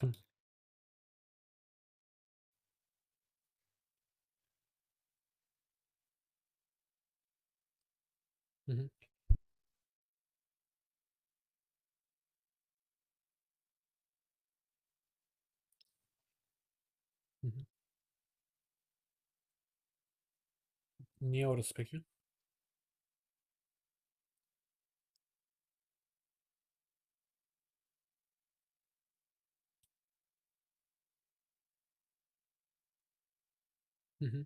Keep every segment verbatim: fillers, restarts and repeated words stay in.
Hı hı, hı hı. Hı. Niye orası peki? Hı hı.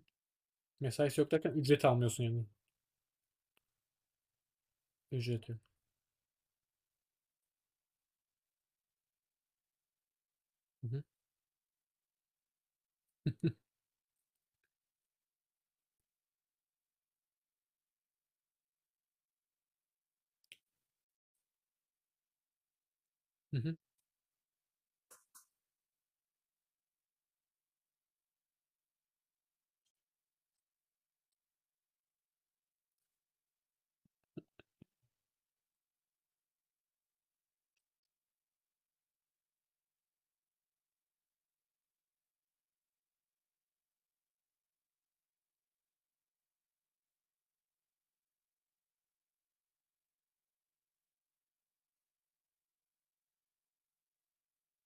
Mesaisi yok derken ücret almıyorsun yani. Ücret yok. Hı hı. Hı hı.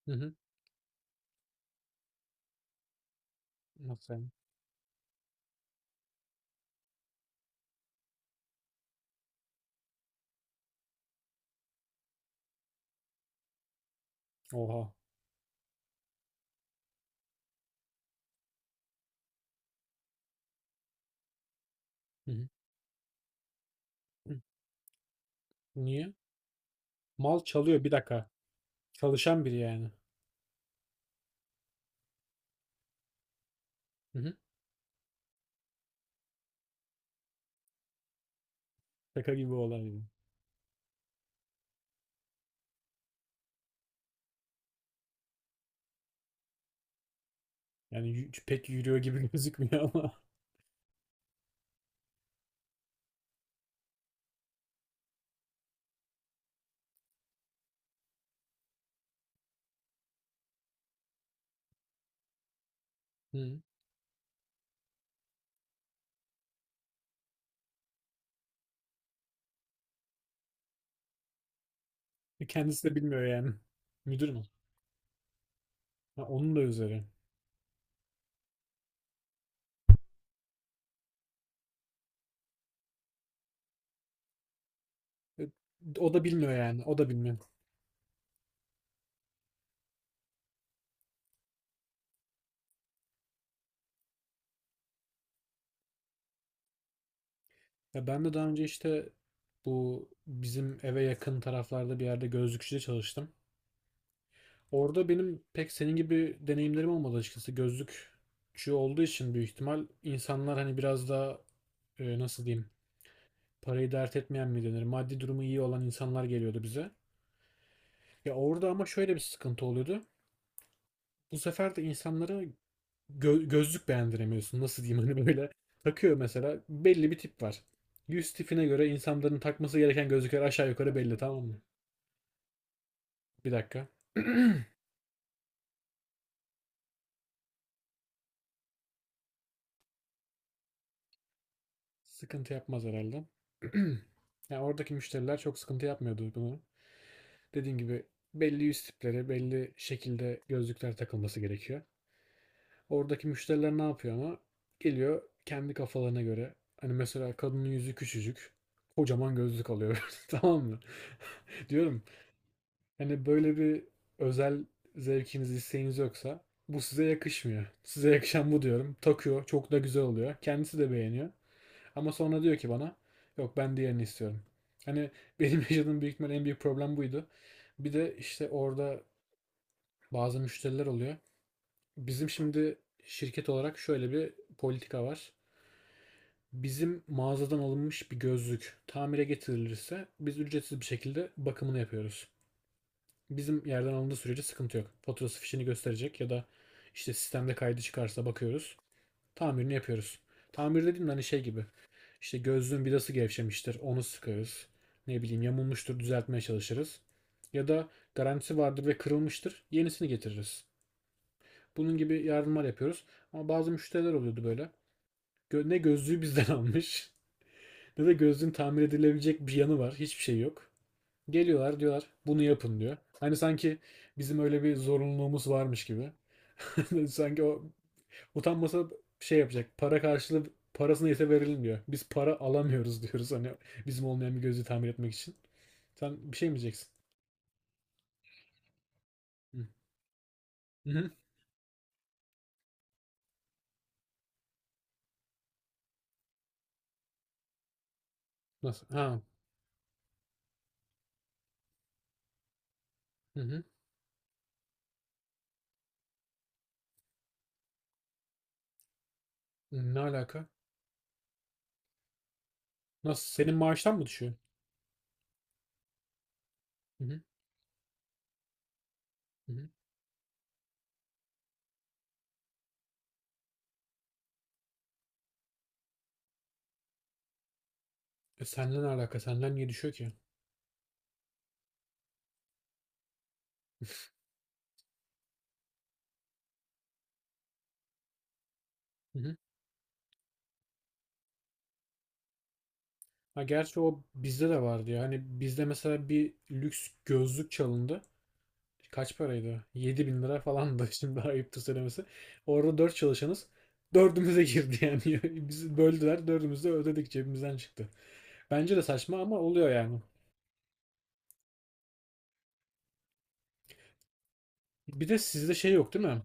Hı hı. Nasıl yani? Oha. Hı hı. Hı. Niye? Mal çalıyor bir dakika. Çalışan biri yani. Hı hı. Şaka gibi olay yani. Yani yü- pek yürüyor gibi gözükmüyor ama. Hı. E, kendisi de bilmiyor yani. Müdür mü? Ha, onun da üzeri. E, o da bilmiyor yani. O da bilmiyor. Ya ben de daha önce işte bu bizim eve yakın taraflarda bir yerde gözlükçüde çalıştım. Orada benim pek senin gibi deneyimlerim olmadı açıkçası. Gözlükçü olduğu için büyük ihtimal insanlar hani biraz daha e, nasıl diyeyim, parayı dert etmeyen mi denir? Maddi durumu iyi olan insanlar geliyordu bize. Ya orada ama şöyle bir sıkıntı oluyordu. Bu sefer de insanlara gö- gözlük beğendiremiyorsun. Nasıl diyeyim, hani böyle takıyor mesela, belli bir tip var. Yüz tipine göre insanların takması gereken gözlükler aşağı yukarı belli, tamam mı? Bir dakika. Sıkıntı yapmaz herhalde. Yani oradaki müşteriler çok sıkıntı yapmıyordu bunu. Dediğim gibi belli yüz tipleri, belli şekilde gözlükler takılması gerekiyor. Oradaki müşteriler ne yapıyor ama? Geliyor kendi kafalarına göre. Hani mesela kadının yüzü küçücük. Kocaman gözlük alıyor. Tamam mı? Diyorum. Hani böyle bir özel zevkiniz, isteğiniz yoksa bu size yakışmıyor. Size yakışan bu diyorum. Takıyor. Çok da güzel oluyor. Kendisi de beğeniyor. Ama sonra diyor ki bana, yok ben diğerini istiyorum. Hani benim yaşadığım büyük ihtimal en büyük problem buydu. Bir de işte orada bazı müşteriler oluyor. Bizim şimdi şirket olarak şöyle bir politika var. Bizim mağazadan alınmış bir gözlük tamire getirilirse biz ücretsiz bir şekilde bakımını yapıyoruz. Bizim yerden alındığı sürece sıkıntı yok. Faturası, fişini gösterecek ya da işte sistemde kaydı çıkarsa bakıyoruz. Tamirini yapıyoruz. Tamir dediğim hani şey gibi. İşte gözlüğün vidası gevşemiştir. Onu sıkarız. Ne bileyim yamulmuştur, düzeltmeye çalışırız. Ya da garantisi vardır ve kırılmıştır. Yenisini getiririz. Bunun gibi yardımlar yapıyoruz. Ama bazı müşteriler oluyordu böyle. Gö- ne gözlüğü bizden almış ne de gözlüğün tamir edilebilecek bir yanı var. Hiçbir şey yok. Geliyorlar, diyorlar bunu yapın diyor. Hani sanki bizim öyle bir zorunluluğumuz varmış gibi. Sanki o, utanmasa şey yapacak. Para karşılığı parasını neyse verilmiyor. Biz para alamıyoruz diyoruz, hani bizim olmayan bir gözü tamir etmek için. Sen bir şey mi diyeceksin? Hı. Hı hı. Nasıl? Ha. Hı hı. Ne alaka? Nasıl? Senin maaştan mı düşüyor? Hı hı. Hı hı. E, seninle ne alaka? Senden niye düşüyor ki? Hı hı. Ha gerçi o bizde de vardı ya. Hani bizde mesela bir lüks gözlük çalındı. Kaç paraydı? Yedi bin lira falan da şimdi ayıptır söylemesi. Orada dört çalışanız. Dördümüze girdi yani. Bizi böldüler. Dördümüz de ödedik, cebimizden çıktı. Bence de saçma ama oluyor yani. Bir de sizde şey yok değil mi?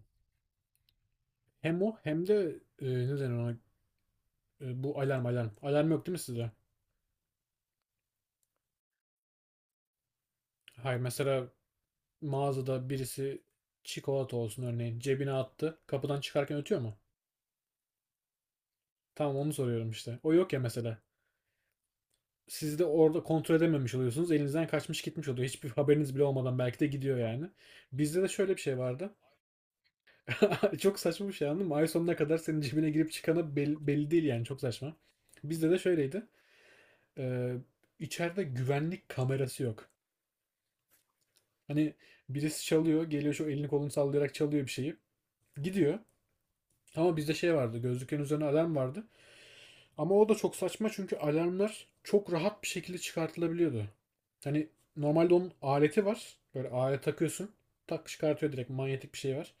Hem o hem de e, ne denir ona? E, bu alarm alarm. Alarm yok değil mi sizde? Hayır, mesela mağazada birisi çikolata olsun örneğin cebine attı. Kapıdan çıkarken ötüyor mu? Tamam, onu soruyorum işte. O yok ya mesela. Siz de orada kontrol edememiş oluyorsunuz. Elinizden kaçmış gitmiş oluyor. Hiçbir haberiniz bile olmadan belki de gidiyor yani. Bizde de şöyle bir şey vardı. Çok saçma bir şey, anladın mı? Ay sonuna kadar senin cebine girip çıkanı belli, belli değil yani. Çok saçma. Bizde de şöyleydi. Ee, içeride güvenlik kamerası yok. Hani birisi çalıyor. Geliyor şu, elini kolunu sallayarak çalıyor bir şeyi. Gidiyor. Ama bizde şey vardı. Gözlüklerin üzerine alarm vardı. Ama o da çok saçma, çünkü alarmlar çok rahat bir şekilde çıkartılabiliyordu. Hani normalde onun aleti var. Böyle alet takıyorsun. Tak çıkartıyor, direkt manyetik bir şey var.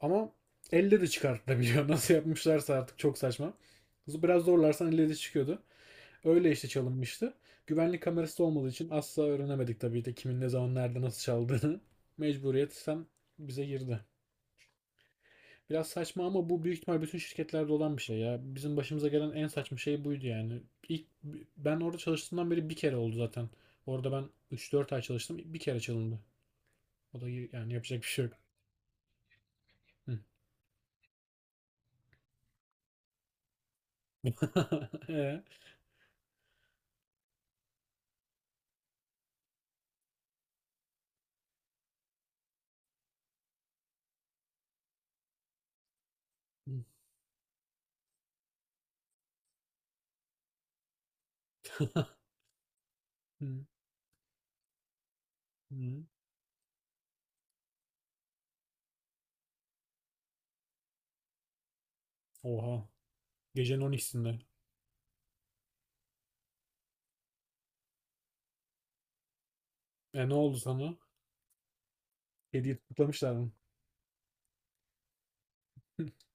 Ama elle de çıkartılabiliyor. Nasıl yapmışlarsa artık, çok saçma. Biraz zorlarsan elle de çıkıyordu. Öyle işte çalınmıştı. Güvenlik kamerası da olmadığı için asla öğrenemedik tabii de kimin ne zaman nerede nasıl çaldığını. Mecburiyetten bize girdi. Biraz saçma ama bu büyük ihtimal bütün şirketlerde olan bir şey ya. Bizim başımıza gelen en saçma şey buydu yani. İlk, ben orada çalıştığımdan beri bir kere oldu zaten. Orada ben üç dört ay çalıştım. Bir kere çalındı. O da y- yani yapacak bir şey yok. Hı. Ee? Hı, hı. Oha. Gecenin on ikisinde. E, ne oldu sana? Kediyi tutuklamışlar mı?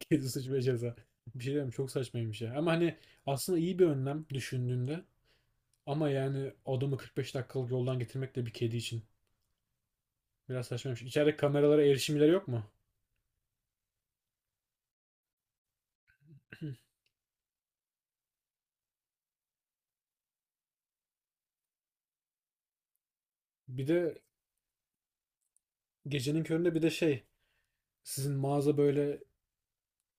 Kedi suç ve ceza. Bir şey diyeyim çok saçmaymış ya. Ama hani aslında iyi bir önlem düşündüğünde. Ama yani adamı kırk beş dakikalık yoldan getirmek de bir kedi için. Biraz saçmaymış. İçeride kameralara erişimleri yok mu? Bir de gecenin köründe bir de şey, sizin mağaza böyle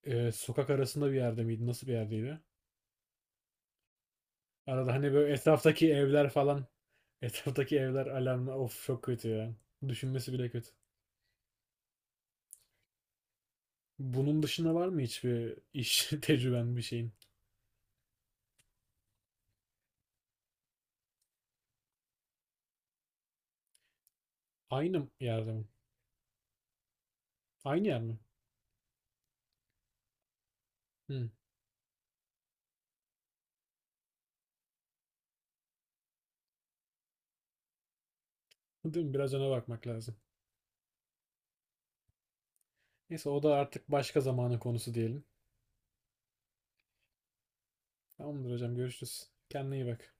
e, sokak arasında bir yerde miydi? Nasıl bir yerdeydi? Arada hani böyle etraftaki evler falan, etraftaki evler alarmı, of çok kötü ya. Düşünmesi bile kötü. Bunun dışında var mı hiçbir iş tecrüben bir şeyin? Aynı yerde mi? Aynı yer mi? Hı. Değil mi? Biraz ona bakmak lazım. Neyse o da artık başka zamanın konusu diyelim. Tamamdır hocam, görüşürüz. Kendine iyi bak.